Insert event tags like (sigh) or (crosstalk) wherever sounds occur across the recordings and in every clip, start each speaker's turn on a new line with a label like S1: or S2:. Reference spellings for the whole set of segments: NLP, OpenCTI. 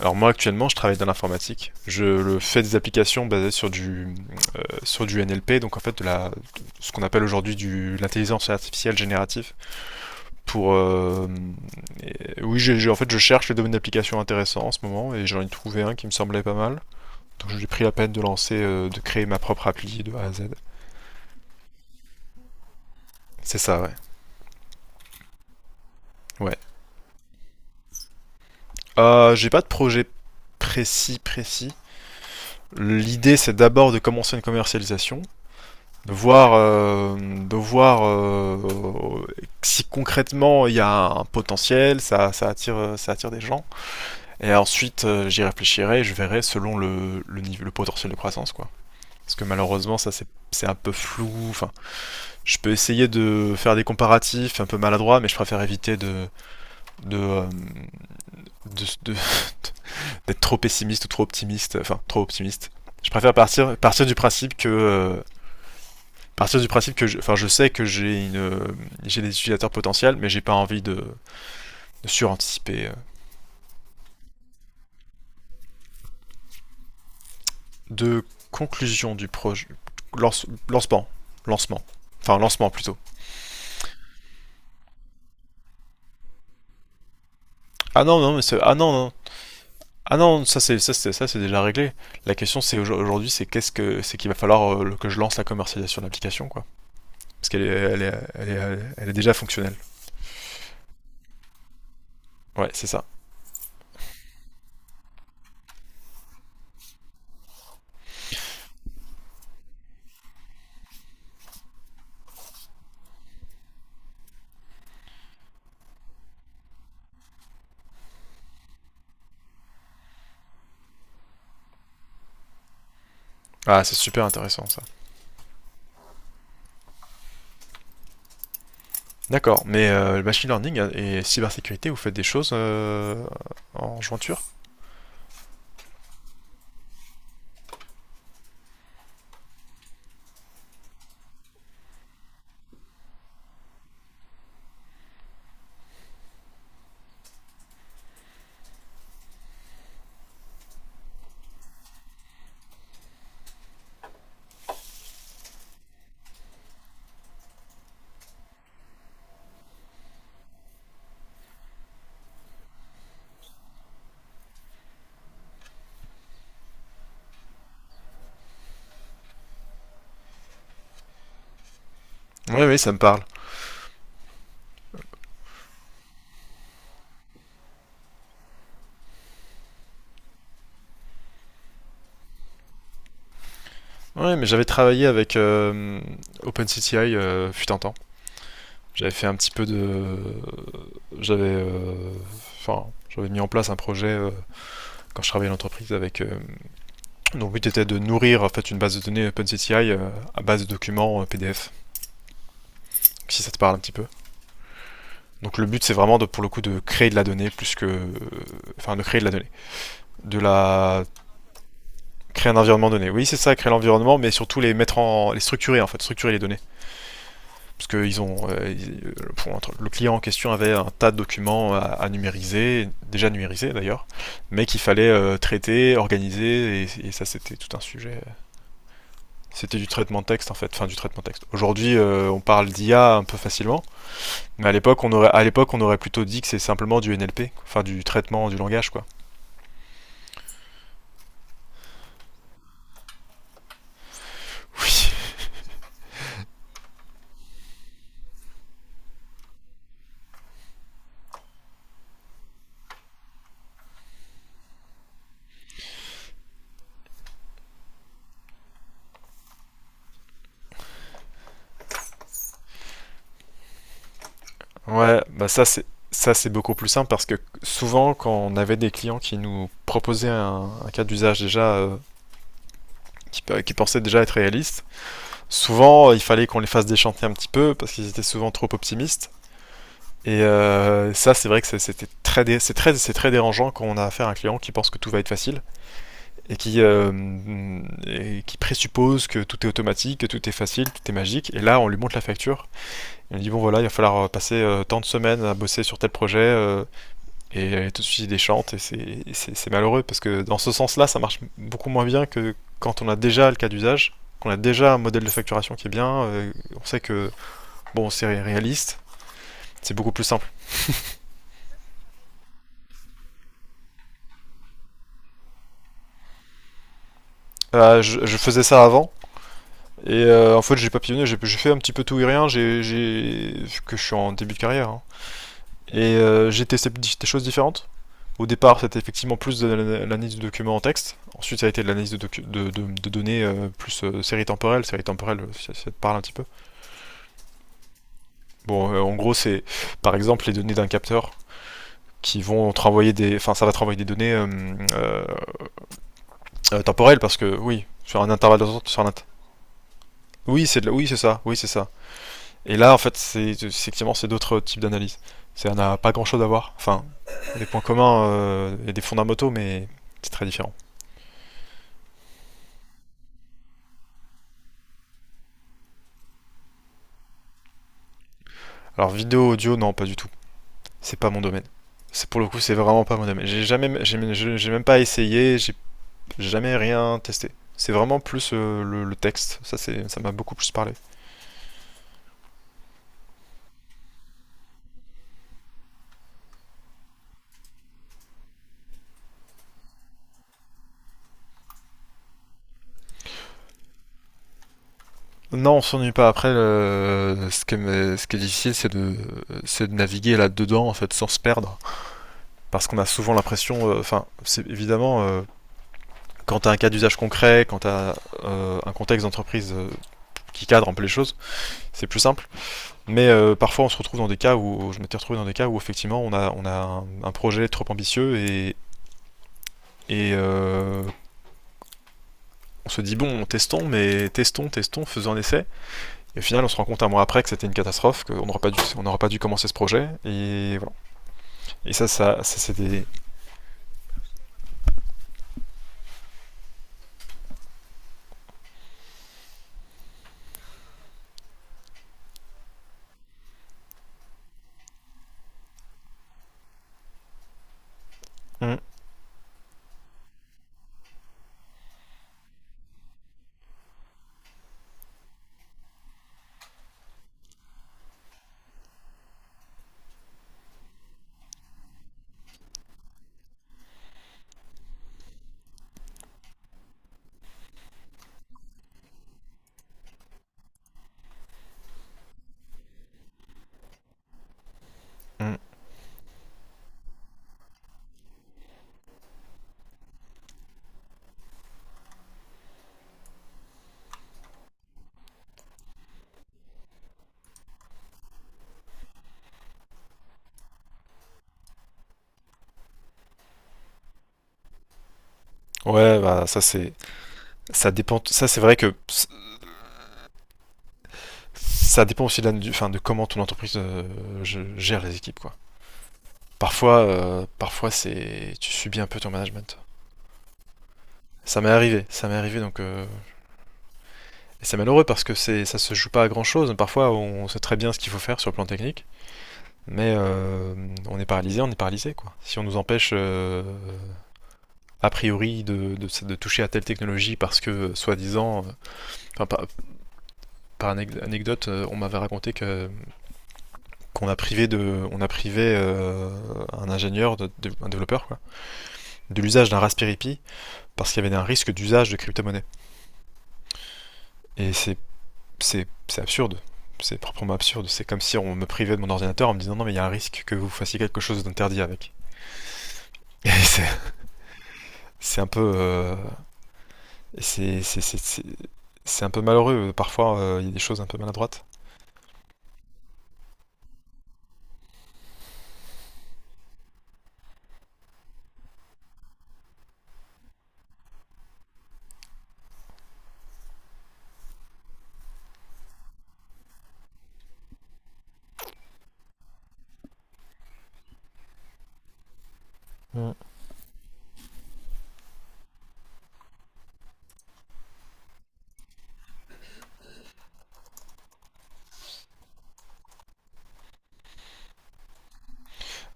S1: Alors moi actuellement je travaille dans l'informatique. Je le fais des applications basées sur du NLP, donc en fait de la ce qu'on appelle aujourd'hui de l'intelligence artificielle générative. Pour euh, oui En fait, je cherche les domaines d'application intéressants en ce moment et j'en ai trouvé un qui me semblait pas mal. Donc j'ai pris la peine de lancer de créer ma propre appli de A à Z. C'est ça, ouais. Ouais. J'ai pas de projet précis. L'idée c'est d'abord de commencer une commercialisation, de voir si concrètement il y a un potentiel, ça attire, ça attire des gens. Et ensuite, j'y réfléchirai, je verrai selon le niveau, le potentiel de croissance, quoi. Parce que malheureusement, ça c'est un peu flou. Enfin, je peux essayer de faire des comparatifs un peu maladroits, mais je préfère éviter de euh, (laughs) de d'être trop pessimiste ou trop optimiste. Enfin, trop optimiste. Je préfère partir du principe que enfin, je sais que j'ai des utilisateurs potentiels, mais j'ai pas envie de suranticiper. De conclusion du projet, lance, lancement, lancement, lancement plutôt. Ah non non, mais ah non non. Ah non, ça c'est déjà réglé. La question c'est aujourd'hui, c'est qu'il va falloir que je lance la commercialisation de l'application, quoi, parce qu'elle elle est déjà fonctionnelle. Ouais, c'est ça. Ah, c'est super intéressant, ça. D'accord, mais le machine learning et cybersécurité, vous faites des choses en jointure. Oui, oui, ça me parle. Oui, mais j'avais travaillé avec OpenCTI, fut un temps. J'avais fait un petit peu de... J'avais... euh, Enfin, j'avais mis en place un projet quand je travaillais à l'entreprise dont le but était de nourrir en fait une base de données OpenCTI, à base de documents, PDF, si ça te parle un petit peu. Donc le but c'est vraiment de, pour le coup, de créer de la donnée plus que... Enfin, de créer de la donnée. De la... Créer un environnement donné. Oui, c'est ça, créer l'environnement, mais surtout les mettre en... les structurer en fait, structurer les données. Parce que euh, bon, le client en question avait un tas de documents à numériser, déjà numérisés d'ailleurs, mais qu'il fallait traiter, organiser, et ça c'était tout un sujet. C'était du traitement de texte en fait, enfin du traitement de texte. Aujourd'hui, on parle d'IA un peu facilement, mais à l'époque on aurait plutôt dit que c'est simplement du NLP, quoi. Enfin, du traitement du langage, quoi. Oui. Ouais, bah ça, c'est beaucoup plus simple, parce que souvent, quand on avait des clients qui nous proposaient un cas d'usage déjà, qui pensaient déjà être réaliste, souvent, il fallait qu'on les fasse déchanter un petit peu parce qu'ils étaient souvent trop optimistes. Et ça, c'est vrai que c'était très, c'est très dérangeant quand on a affaire à un client qui pense que tout va être facile et et qui présuppose que tout est automatique, que tout est facile, tout est magique. Et là, on lui montre la facture. Et on lui dit bon voilà, il va falloir passer tant de semaines à bosser sur tel projet, et elle tout de suite il déchante. Et c'est malheureux parce que dans ce sens-là, ça marche beaucoup moins bien que quand on a déjà le cas d'usage, qu'on a déjà un modèle de facturation qui est bien. On sait que bon, c'est réaliste, c'est beaucoup plus simple. Je faisais ça avant, et en fait, j'ai papillonné, j'ai fait un petit peu tout et rien, que je suis en début de carrière, hein. Et j'ai testé des choses différentes. Au départ, c'était effectivement plus de l'analyse de documents en texte. Ensuite, ça a été de l'analyse de données, plus série temporelle. Série temporelle, ça, ça te parle un petit peu. Bon, en gros, c'est par exemple les données d'un capteur qui vont te renvoyer des. Enfin, ça va te renvoyer des données euh, temporelles parce que, oui, sur un intervalle de temps, sur un, oui, c'est de oui, c'est ça, oui, c'est ça. Et là, en fait, c'est effectivement, c'est d'autres types d'analyses. Ça n'a pas grand-chose à voir. Enfin, des points communs et des fondamentaux, mais c'est très différent. Alors, vidéo, audio, non, pas du tout. C'est pas mon domaine. C'est pour le coup, c'est vraiment pas mon domaine. J'ai même pas essayé, j'ai jamais rien testé. C'est vraiment plus le texte. Ça, ça m'a beaucoup plus parlé. Non, on s'ennuie pas. Après, ce qui est difficile, c'est c'est de naviguer là-dedans, en fait, sans se perdre. Parce qu'on a souvent l'impression, enfin, c'est évidemment, quand tu as un cas d'usage concret, quand tu as un contexte d'entreprise qui cadre un peu les choses, c'est plus simple. Mais parfois, on se retrouve dans des cas où, je m'étais retrouvé dans des cas où effectivement, on a un projet trop ambitieux, et on se dit, bon, testons, faisons un essai. Et au final, on se rend compte un mois après que c'était une catastrophe, qu'on n'aurait pas, dû, on n'aurait pas dû commencer ce projet. Et voilà. Et ça c'est des. Mm, mm. Ouais, bah, ça, c'est. Ça dépend. Ça, c'est vrai que ça dépend aussi enfin, de comment ton entreprise gère les équipes, quoi. Parfois c'est, tu subis un peu ton management. Ça m'est arrivé, donc c'est malheureux parce que ça se joue pas à grand chose. Parfois, on sait très bien ce qu'il faut faire sur le plan technique, mais on est paralysé, quoi. Si on nous empêche a priori de toucher à telle technologie parce que, soi-disant, par, par anecdote, on m'avait raconté que qu'on a on a privé un ingénieur, un développeur, quoi, de l'usage d'un Raspberry Pi parce qu'il y avait un risque d'usage de crypto-monnaie. Et c'est absurde. C'est proprement absurde. C'est comme si on me privait de mon ordinateur en me disant non, mais il y a un risque que vous fassiez quelque chose d'interdit avec. (laughs) Et c'est un peu, c'est, c'est, c'est, c'est, c'est un peu malheureux. Parfois, il y a des choses un peu maladroites. Mm.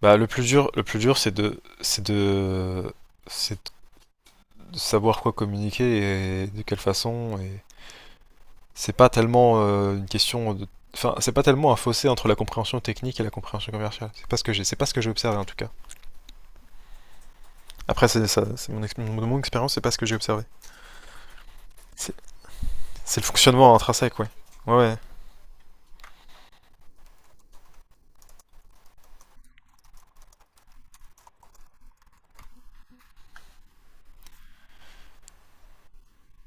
S1: Bah, le plus dur, c'est de savoir quoi communiquer et de quelle façon, et c'est pas tellement une question de... Enfin, c'est pas tellement un fossé entre la compréhension technique et la compréhension commerciale. C'est pas ce que c'est pas ce que j'ai observé en tout cas. Après, c'est ça, c'est mon, ex- mon- mon expérience, c'est pas ce que j'ai observé. C'est c'est le fonctionnement intrinsèque, ouais. Ouais, ouais,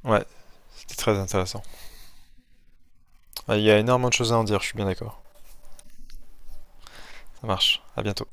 S1: ouais, c'était très intéressant. Ouais, il y a énormément de choses à en dire, je suis bien d'accord. Ça marche. À bientôt.